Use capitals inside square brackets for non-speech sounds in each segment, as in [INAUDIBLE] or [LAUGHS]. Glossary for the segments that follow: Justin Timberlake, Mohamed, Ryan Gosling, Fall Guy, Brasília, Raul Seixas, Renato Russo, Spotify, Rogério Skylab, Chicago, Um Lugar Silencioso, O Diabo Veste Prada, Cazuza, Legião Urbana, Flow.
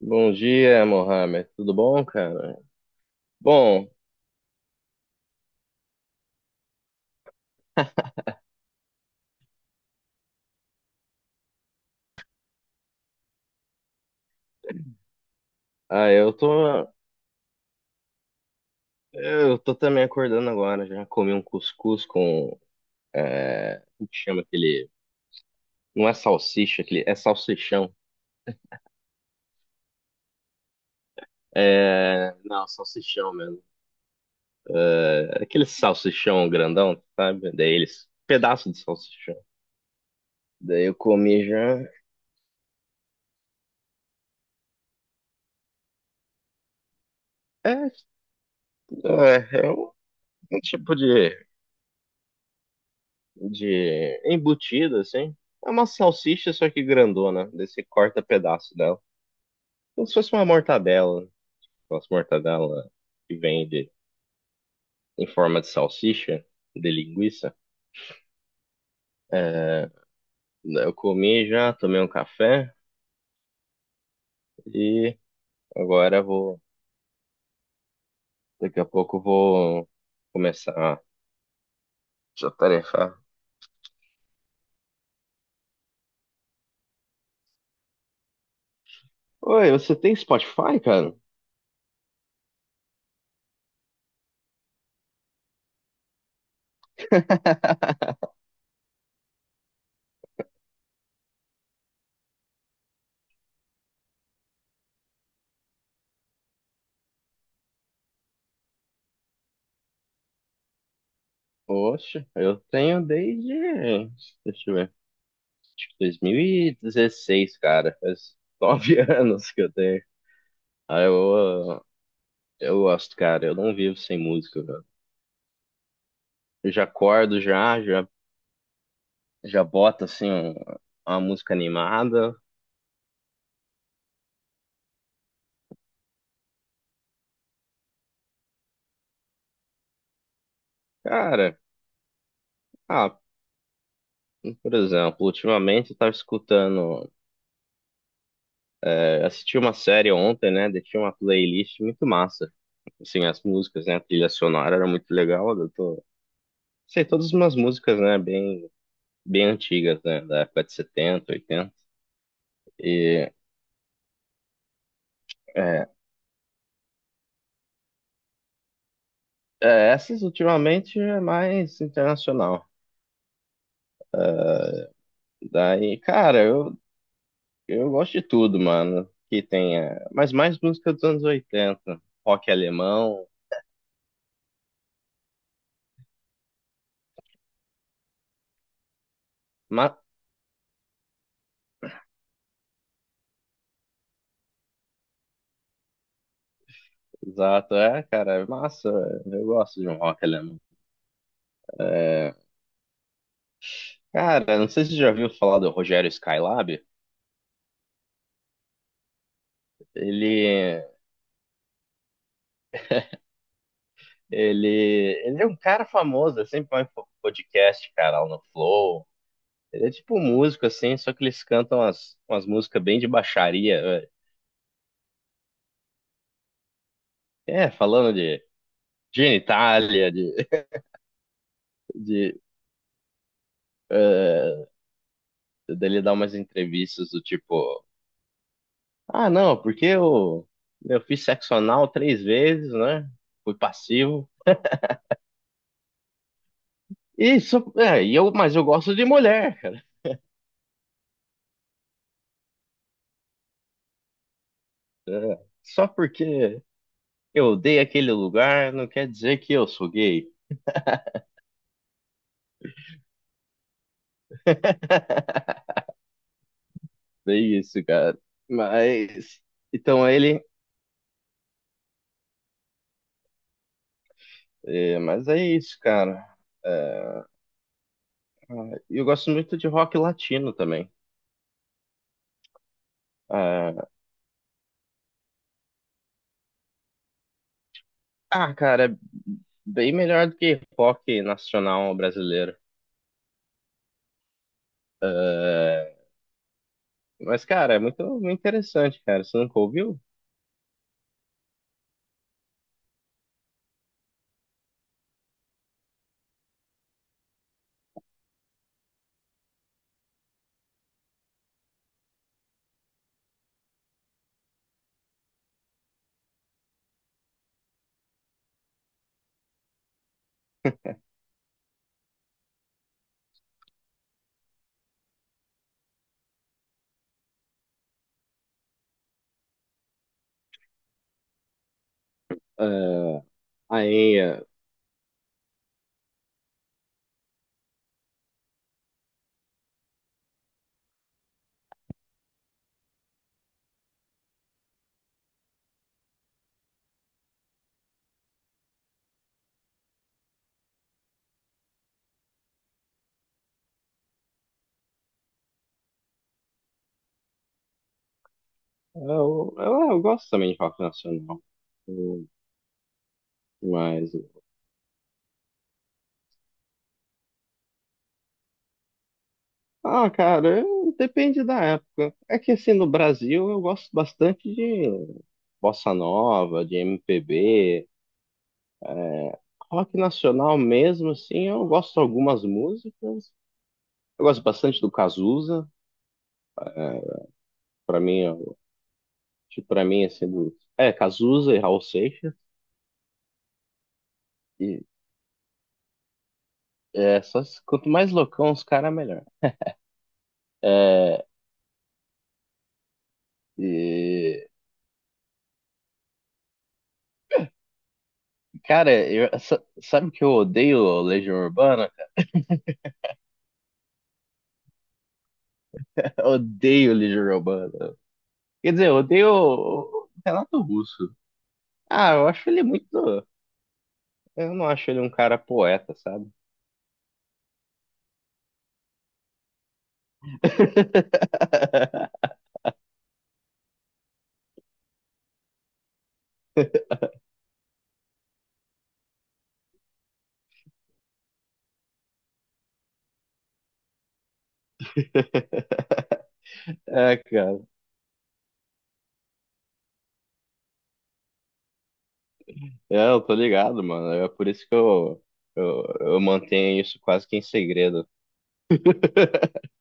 Bom dia, Mohamed. Tudo bom, cara? Bom, ah, eu tô, eu tô também acordando agora. Já comi um cuscuz como que chama aquele? Não é salsicha, aquele, é salsichão. Não, salsichão mesmo. É aquele salsichão grandão, sabe? Daí eles, pedaço de salsichão. Daí eu comi já. É, é, é um, um tipo de embutido, assim. É uma salsicha, só que grandona. Daí você corta pedaço dela. Como se fosse uma mortadela, aquelas mortadela que vende em forma de salsicha, de linguiça. É, eu comi já, tomei um café e agora daqui a pouco eu vou começar a tarefar. Oi, você tem Spotify, cara? Oxe, eu tenho desde, deixa eu ver, 2016, cara. Faz nove [LAUGHS] anos que eu tenho. Ah, eu, eu gosto, cara. Eu não vivo sem música, cara. Eu já acordo já, bota assim uma música animada. Cara, ah, por exemplo, ultimamente eu tava escutando, assisti uma série ontem, né? Daí tinha uma playlist muito massa. Assim, as músicas, né? A trilha sonora era muito legal. Eu sei, todas umas músicas, né, bem antigas, né, da época de setenta oitenta. E é, essas ultimamente é mais internacional. Daí, cara, eu gosto de tudo, mano. Que tenha. Mas mais música dos anos oitenta. Rock alemão. Ma... Exato, é, cara. É massa. Eu gosto de um rock alemão. É, cara, não sei se você já ouviu falar do Rogério Skylab. Ele. Ele. Ele é um cara famoso. Ele sempre vai em podcast, cara, lá no Flow. Ele é tipo um músico, assim, só que eles cantam umas músicas bem de baixaria, velho. É, falando de genitália, de é, dele dar umas entrevistas do tipo, ah, não, porque eu fiz sexo anal três vezes, né? Fui passivo. E só, é, e eu, mas eu gosto de mulher, cara. É, só porque eu odeio aquele lugar não quer dizer que eu sou gay. [LAUGHS] Bem isso, cara. Mas, então aí ele, é, mas é isso, cara. É, eu gosto muito de rock latino também. É, ah, cara, bem melhor do que rock nacional brasileiro. É, mas, cara, é muito, muito interessante, cara. Você nunca ouviu? É, aí, é, eu gosto também de rock nacional. Eu- Mas, ah, cara, eu- depende da época. É que, assim, no Brasil eu gosto bastante de bossa nova, de MPB. Rock nacional mesmo, assim, eu gosto de algumas músicas. Eu gosto bastante do Cazuza. É, Pra mim, tipo, pra mim, assim, do... É, Cazuza e Raul Seixas. E só se- quanto mais loucão os caras, melhor. É, e, cara, eu, sa- sabe que eu odeio Legião Urbana? [LAUGHS] Eu odeio Legião Urbana. Quer dizer, eu odeio o Renato Russo. Ah, eu acho ele muito. Eu não acho ele um cara poeta, sabe? [LAUGHS] É, cara. É, eu tô ligado, mano. É por isso que eu mantenho isso quase que em segredo. [LAUGHS]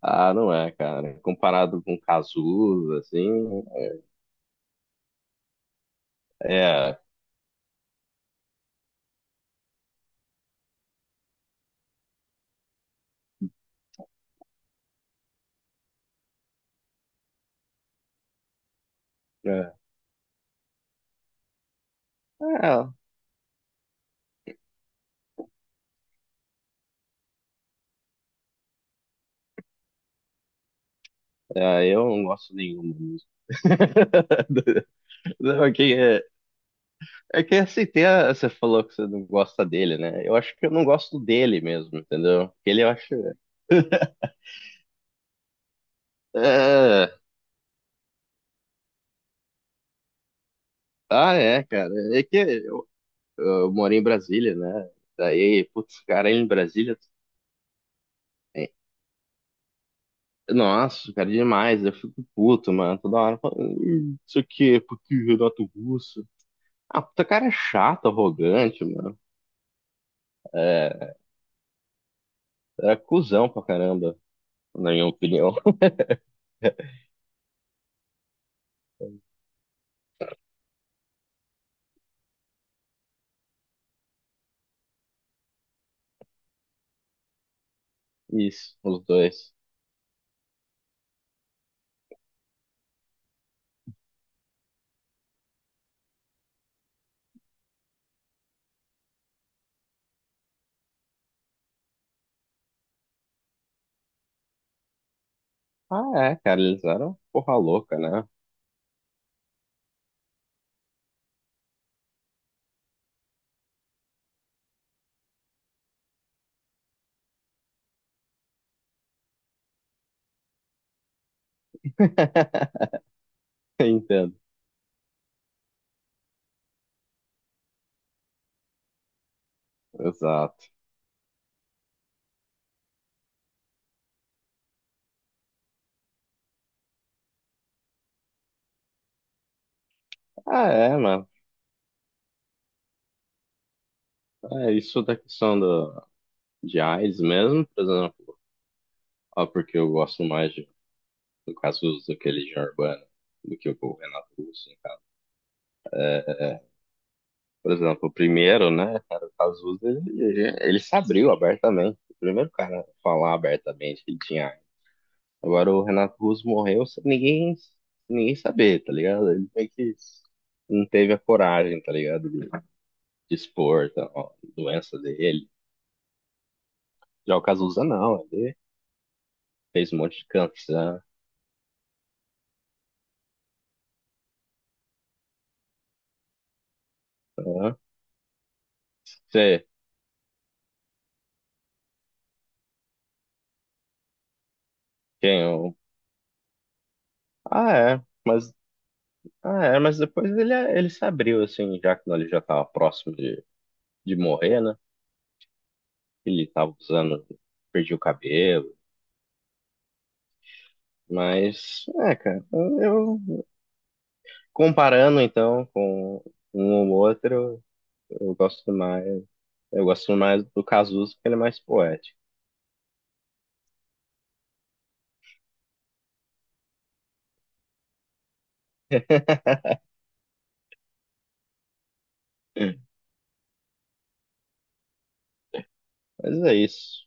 Ah, não é, cara. Comparado com Cazuza, assim, é. É, é, eu não gosto nenhuma música. [LAUGHS] Não, é que é, é que assim, tem a- você falou que você não gosta dele, né? Eu acho que eu não gosto dele mesmo, entendeu? Ele eu acho. [LAUGHS] É, ah, é, cara. É que eu moro em Brasília, né? Daí, putz, cara, em Brasília... Nossa, cara, demais. Eu fico puto, mano. Toda hora falando, "Ih, isso aqui é porque o Renato Russo. Ah, puta cara é chato, arrogante, mano. É, era cuzão pra caramba, na minha opinião. [LAUGHS] Isso, os dois. Ah, é, cara, eles eram porra louca, né? [LAUGHS] Entendo. Exato. Ah, é, mano. É isso da questão de AIDS mesmo, por exemplo. Ah, porque eu gosto mais no caso, daquele Legião Urbana do que o Renato Russo, no caso. Por exemplo, o primeiro, né, cara, o Cazuza, ele se abriu abertamente. O primeiro cara a falar abertamente que ele tinha AIDS. Agora o Renato Russo morreu sem ninguém, sem ninguém saber, tá ligado? Ele meio que não teve a coragem, tá ligado? De expor tá, ó, a doença dele. Já o Cazuza não, ele fez um monte de canção. Né? Você, quem? É, mas, ah, é, mas depois ele se abriu, assim, já que ele já tava próximo de morrer, né? Ele tava usando, perdi o cabelo. Mas, é, cara, eu comparando então com um ou outro, eu gosto mais, eu gosto mais do Cazuza porque ele é mais poético. [LAUGHS] Mas é isso.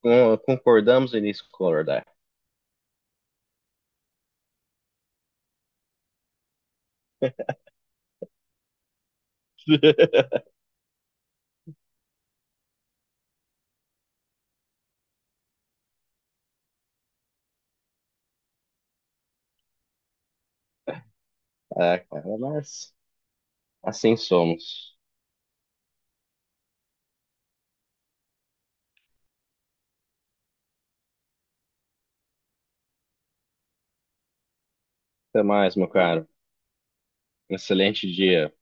Con- Concordamos em discordar. [LAUGHS] É, cara, mas assim somos. Até mais, meu caro. Excelente dia.